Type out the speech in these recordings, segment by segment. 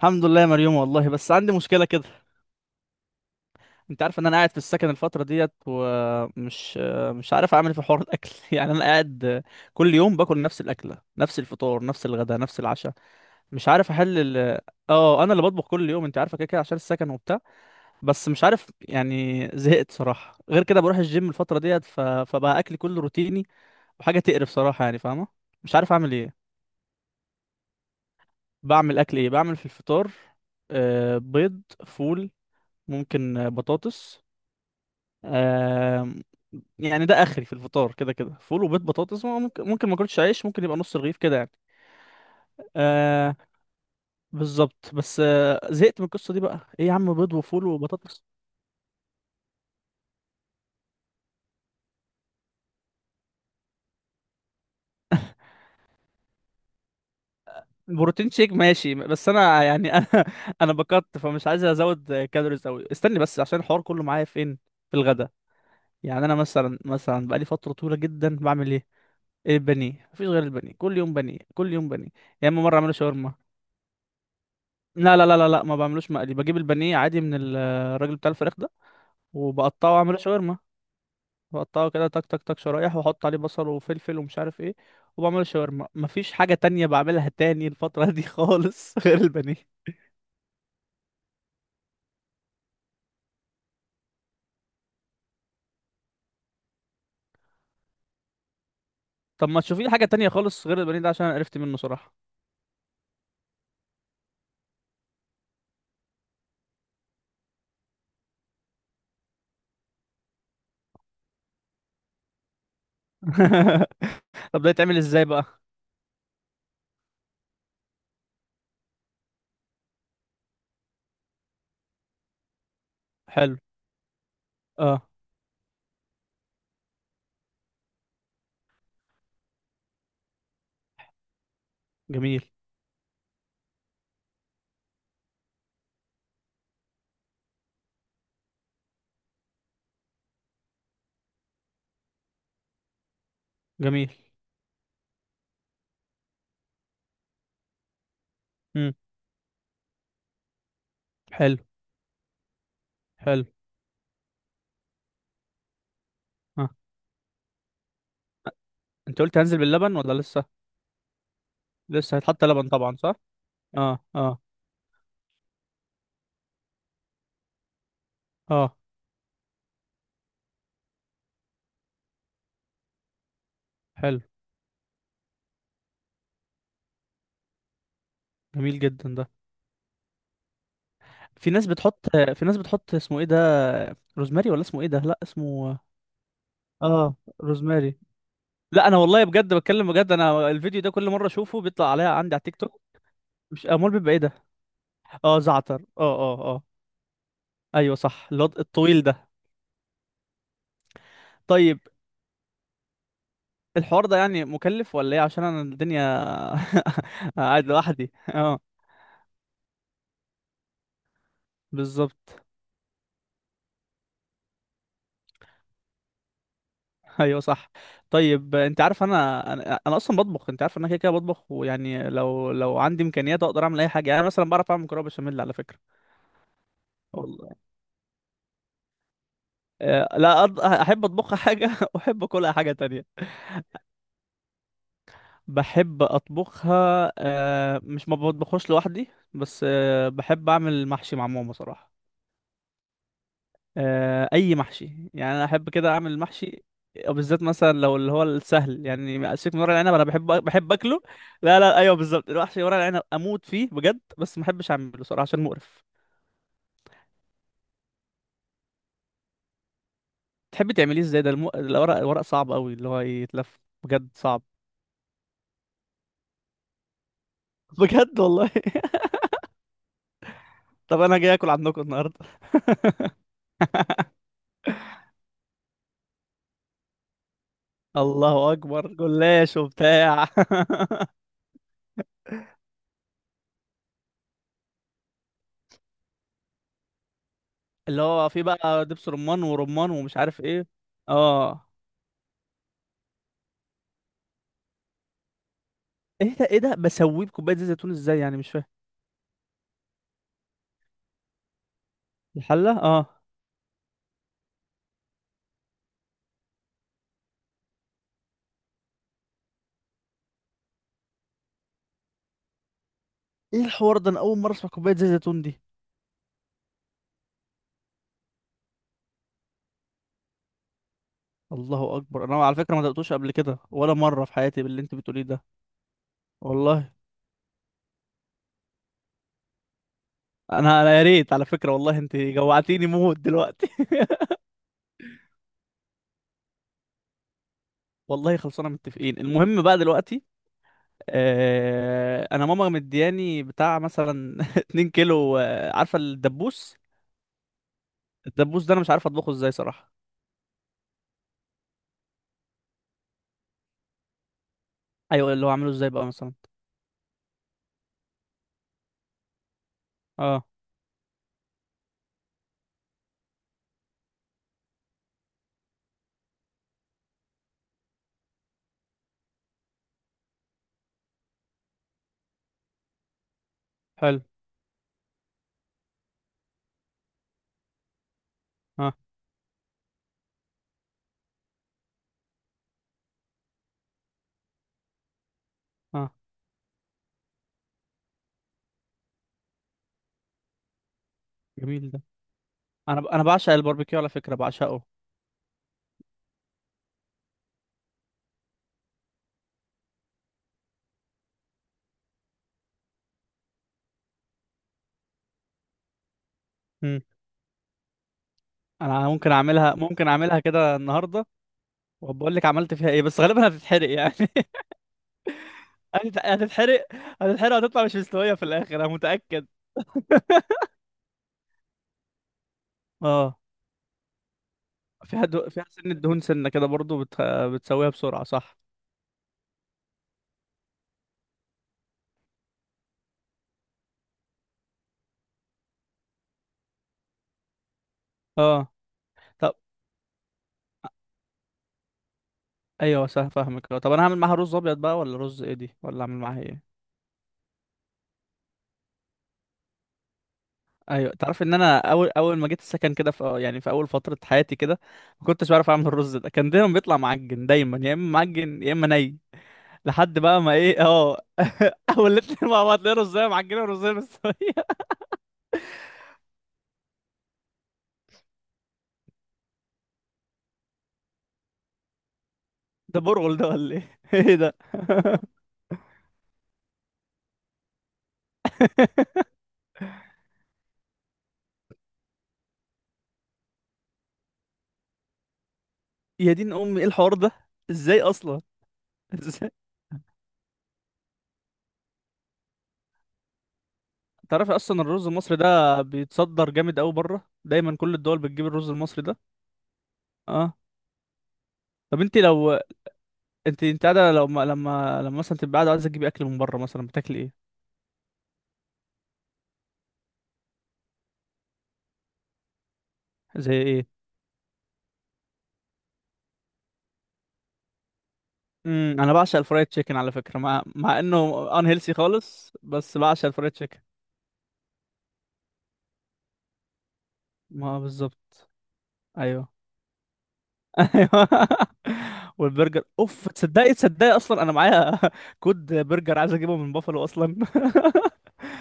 الحمد لله يا مريوم، والله بس عندي مشكلة كده. انت عارف ان انا قاعد في السكن الفترة ديت، ومش مش عارف اعمل إيه في حوار الاكل انا قاعد كل يوم باكل نفس الاكلة، نفس الفطار، نفس الغداء، نفس العشاء. مش عارف احل اه، انا اللي بطبخ كل يوم، انت عارفة كده كده عشان السكن وبتاع. بس مش عارف، يعني زهقت صراحة. غير كده بروح الجيم الفترة ديت، فبقى اكلي كله روتيني وحاجة تقرف صراحة، يعني فاهمة. مش عارف اعمل ايه. بعمل اكل ايه؟ بعمل في الفطار بيض، فول، ممكن بطاطس. آم، يعني ده اخري في الفطار، كده كده فول وبيض، بطاطس ممكن، ممكن ما اكلش عيش، ممكن يبقى نص رغيف كده يعني. آه، بالظبط. بس آه، زهقت من القصه دي. بقى ايه يا عم، بيض وفول وبطاطس؟ بروتين شيك ماشي، بس انا يعني انا بكت، فمش عايز ازود كالوريز قوي. استني بس، عشان الحوار كله معايا فين، في الغدا. يعني انا مثلا بقالي فتره طويله جدا بعمل ايه؟ البانيه. مفيش غير البانيه، كل يوم بانيه كل يوم بانيه، يا اما مره اعمله شاورما. لا لا لا لا لا، ما بعملوش مقلي، بجيب البانيه عادي من الراجل بتاع الفراخ ده، وبقطعه واعمله شاورما. بقطعه كده تك تك تك شرايح، واحط عليه بصل وفلفل ومش عارف ايه، وبعمله شاورما. مفيش حاجة تانية بعملها تاني الفترة دي خالص غير البانيه. طب ما تشوفي لي حاجة تانية خالص غير البانيه ده، عشان انا قرفت منه صراحة. طب ده يتعمل ازاي بقى؟ حلو. اه. جميل. جميل. امم. حلو. حلو. اه. انت قلت هنزل باللبن ولا لسه؟ لسه هيتحط لبن طبعا، صح؟ اه اه اه. حلو. جميل جدا ده. في ناس بتحط، في ناس بتحط اسمه ايه ده، روزماري ولا اسمه ايه ده؟ لا، اسمه اه روزماري. لا انا والله بجد بتكلم بجد، انا الفيديو ده كل مره اشوفه بيطلع عليا عندي على التيك توك. مش امال بيبقى ايه ده؟ اه، زعتر. اه اه اه، ايوه صح، اللي هو الطويل ده. طيب الحوار ده يعني مكلف ولا ايه؟ عشان انا الدنيا قاعد لوحدي. اه، بالظبط. ايوه صح. طيب انت عارف انا، أنا اصلا بطبخ، انت عارف ان انا كده كده بطبخ، ويعني لو عندي امكانيات اقدر اعمل اي حاجه. يعني أنا مثلا بعرف اعمل مكرونه بشاميل على فكره. والله لا، احب اطبخها حاجه واحب اكلها حاجه تانية. بحب اطبخها مش ما بطبخوش لوحدي، بس بحب اعمل محشي مع ماما صراحه. اي محشي، يعني انا احب كده اعمل المحشي، وبالذات مثلا لو اللي هو السهل. يعني سيبك من ورق العنب، انا بحب اكله. لا لا، ايوه بالظبط، المحشي ورق العنب اموت فيه بجد، بس ما بحبش اعمله صراحه عشان مقرف. تحبي تعمليه ازاي ده الورق، صعب قوي، اللي هو يتلف بجد صعب. بجد والله. طب انا جاي اكل عندكم النهارده. الله اكبر، جلاش وبتاع. اللي هو فيه بقى دبس رمان ورمان ومش عارف ايه. اه. ايه ده، ايه ده، بسويه بكوبايه زيت زيتون ازاي يعني؟ مش فاهم. الحلة، اه. ايه الحوار ده، انا اول مرة اسمع كوباية زيت زيتون دي. الله اكبر، انا على فكرة ما دقتوش قبل كده ولا مرة في حياتي باللي انت بتقوليه ده. والله. انا انا يا ريت على فكرة، والله انت جوعتيني موت دلوقتي. والله خلصانة، متفقين. المهم بقى دلوقتي، آه انا ماما مدياني بتاع مثلا 2 كيلو، عارفة الدبوس، الدبوس ده انا مش عارف اطبخه ازاي صراحة. ايوه اللي هو عامله ازاي بقى مثلا؟ اه. حلو. اه اه. جميل ده. انا انا بعشق الباربيكيو على فكرة، بعشقه. انا ممكن اعملها، ممكن اعملها كده النهارده، وبقول لك عملت فيها ايه، بس غالبا هتتحرق يعني. هتتحرق. هتتحرق وهتطلع مش مستويه في الاخر انا متاكد. اه. فيها فيها سنه دهون سنه كده برضو بتسويها بسرعه صح. اه. طب ايوه صح، فاهمك. طب انا هعمل معاها رز ابيض بقى ولا رز ايه دي، ولا اعمل معاها ايه؟ ايوه تعرف ان انا اول ما جيت السكن كده، في يعني في اول فتره حياتي كده، ما كنتش بعرف اعمل الرز ده، كان دايما بيطلع معجن، دايما يا اما معجن يا اما ني، لحد بقى ما ايه اه. اول الاتنين مع بعض، تلاقي رزايه معجنه ورزايه مستويه. ده برغل ده ولا ايه، ايه ده؟ يا دين امي، ايه الحوار ده؟ ازاي اصلا؟ ازاي؟ تعرفي اصلا الرز المصري ده بيتصدر جامد قوي بره، دايما كل الدول بتجيب الرز المصري ده. اه. طب انت لو، انت انت قاعده، لو ما... لما مثلا تبقى قاعده عايزه تجيبي اكل من بره، مثلا بتاكلي ايه؟ زي ايه؟ امم، انا بعشق الفرايد تشيكن على فكره، مع انه ان هيلسي خالص، بس بعشق الفرايد تشيكن. ما بالظبط. ايوه ايوه. والبرجر، اوف، تصدقي تصدقي اصلا انا معايا كود برجر عايز اجيبه من بافلو اصلا.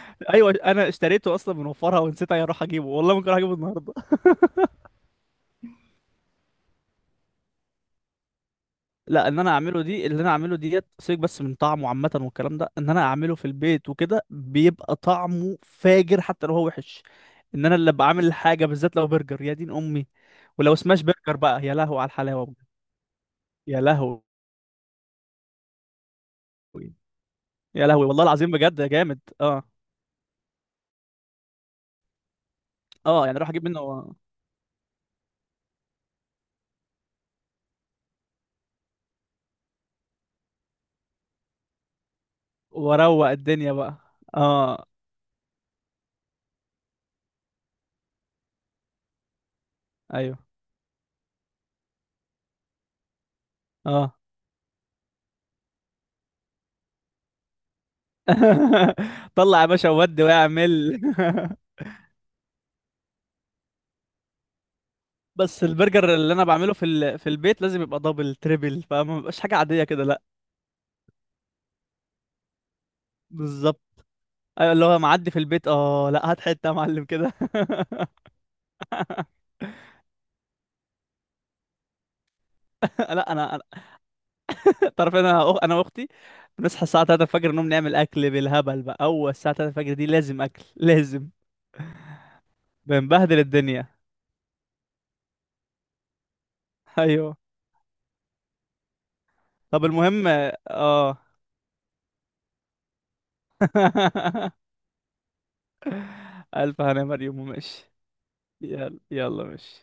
ايوه انا اشتريته اصلا من وفرها ونسيت اروح اجيبه، والله ممكن اروح اجيبه النهارده. لا ان انا اعمله دي، اللي انا اعمله ديت سيبك بس من طعمه عامه والكلام ده، ان انا اعمله في البيت وكده بيبقى طعمه فاجر حتى لو هو وحش. ان انا اللي بعمل الحاجه بالذات لو برجر، يا دين امي. ولو سماش برجر بقى يا لهو على الحلاوه بجد. يا لهوي. يا لهوي والله العظيم بجد، يا جامد. اه. اه، يعني اروح اجيب منه واروق الدنيا بقى. اه. ايوه. اه. طلع يا باشا وودي واعمل. بس البرجر اللي انا بعمله في البيت لازم يبقى دبل تريبل، فما بيبقاش حاجه عاديه كده لا. بالظبط. ايوه اللي هو معدي في البيت، اه لا، هات حته يا معلم كده. لا انا أنا- تعرف انا انا واختي بنصحى الساعه 3 الفجر، نقوم نعمل اكل بالهبل بقى. اول الساعه 3 الفجر دي لازم اكل، لازم. بنبهدل الدنيا. ايوه. طب المهم، اه. ألف هنا مريم، وماشي. يلا يلا، ماشي.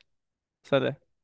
سلام.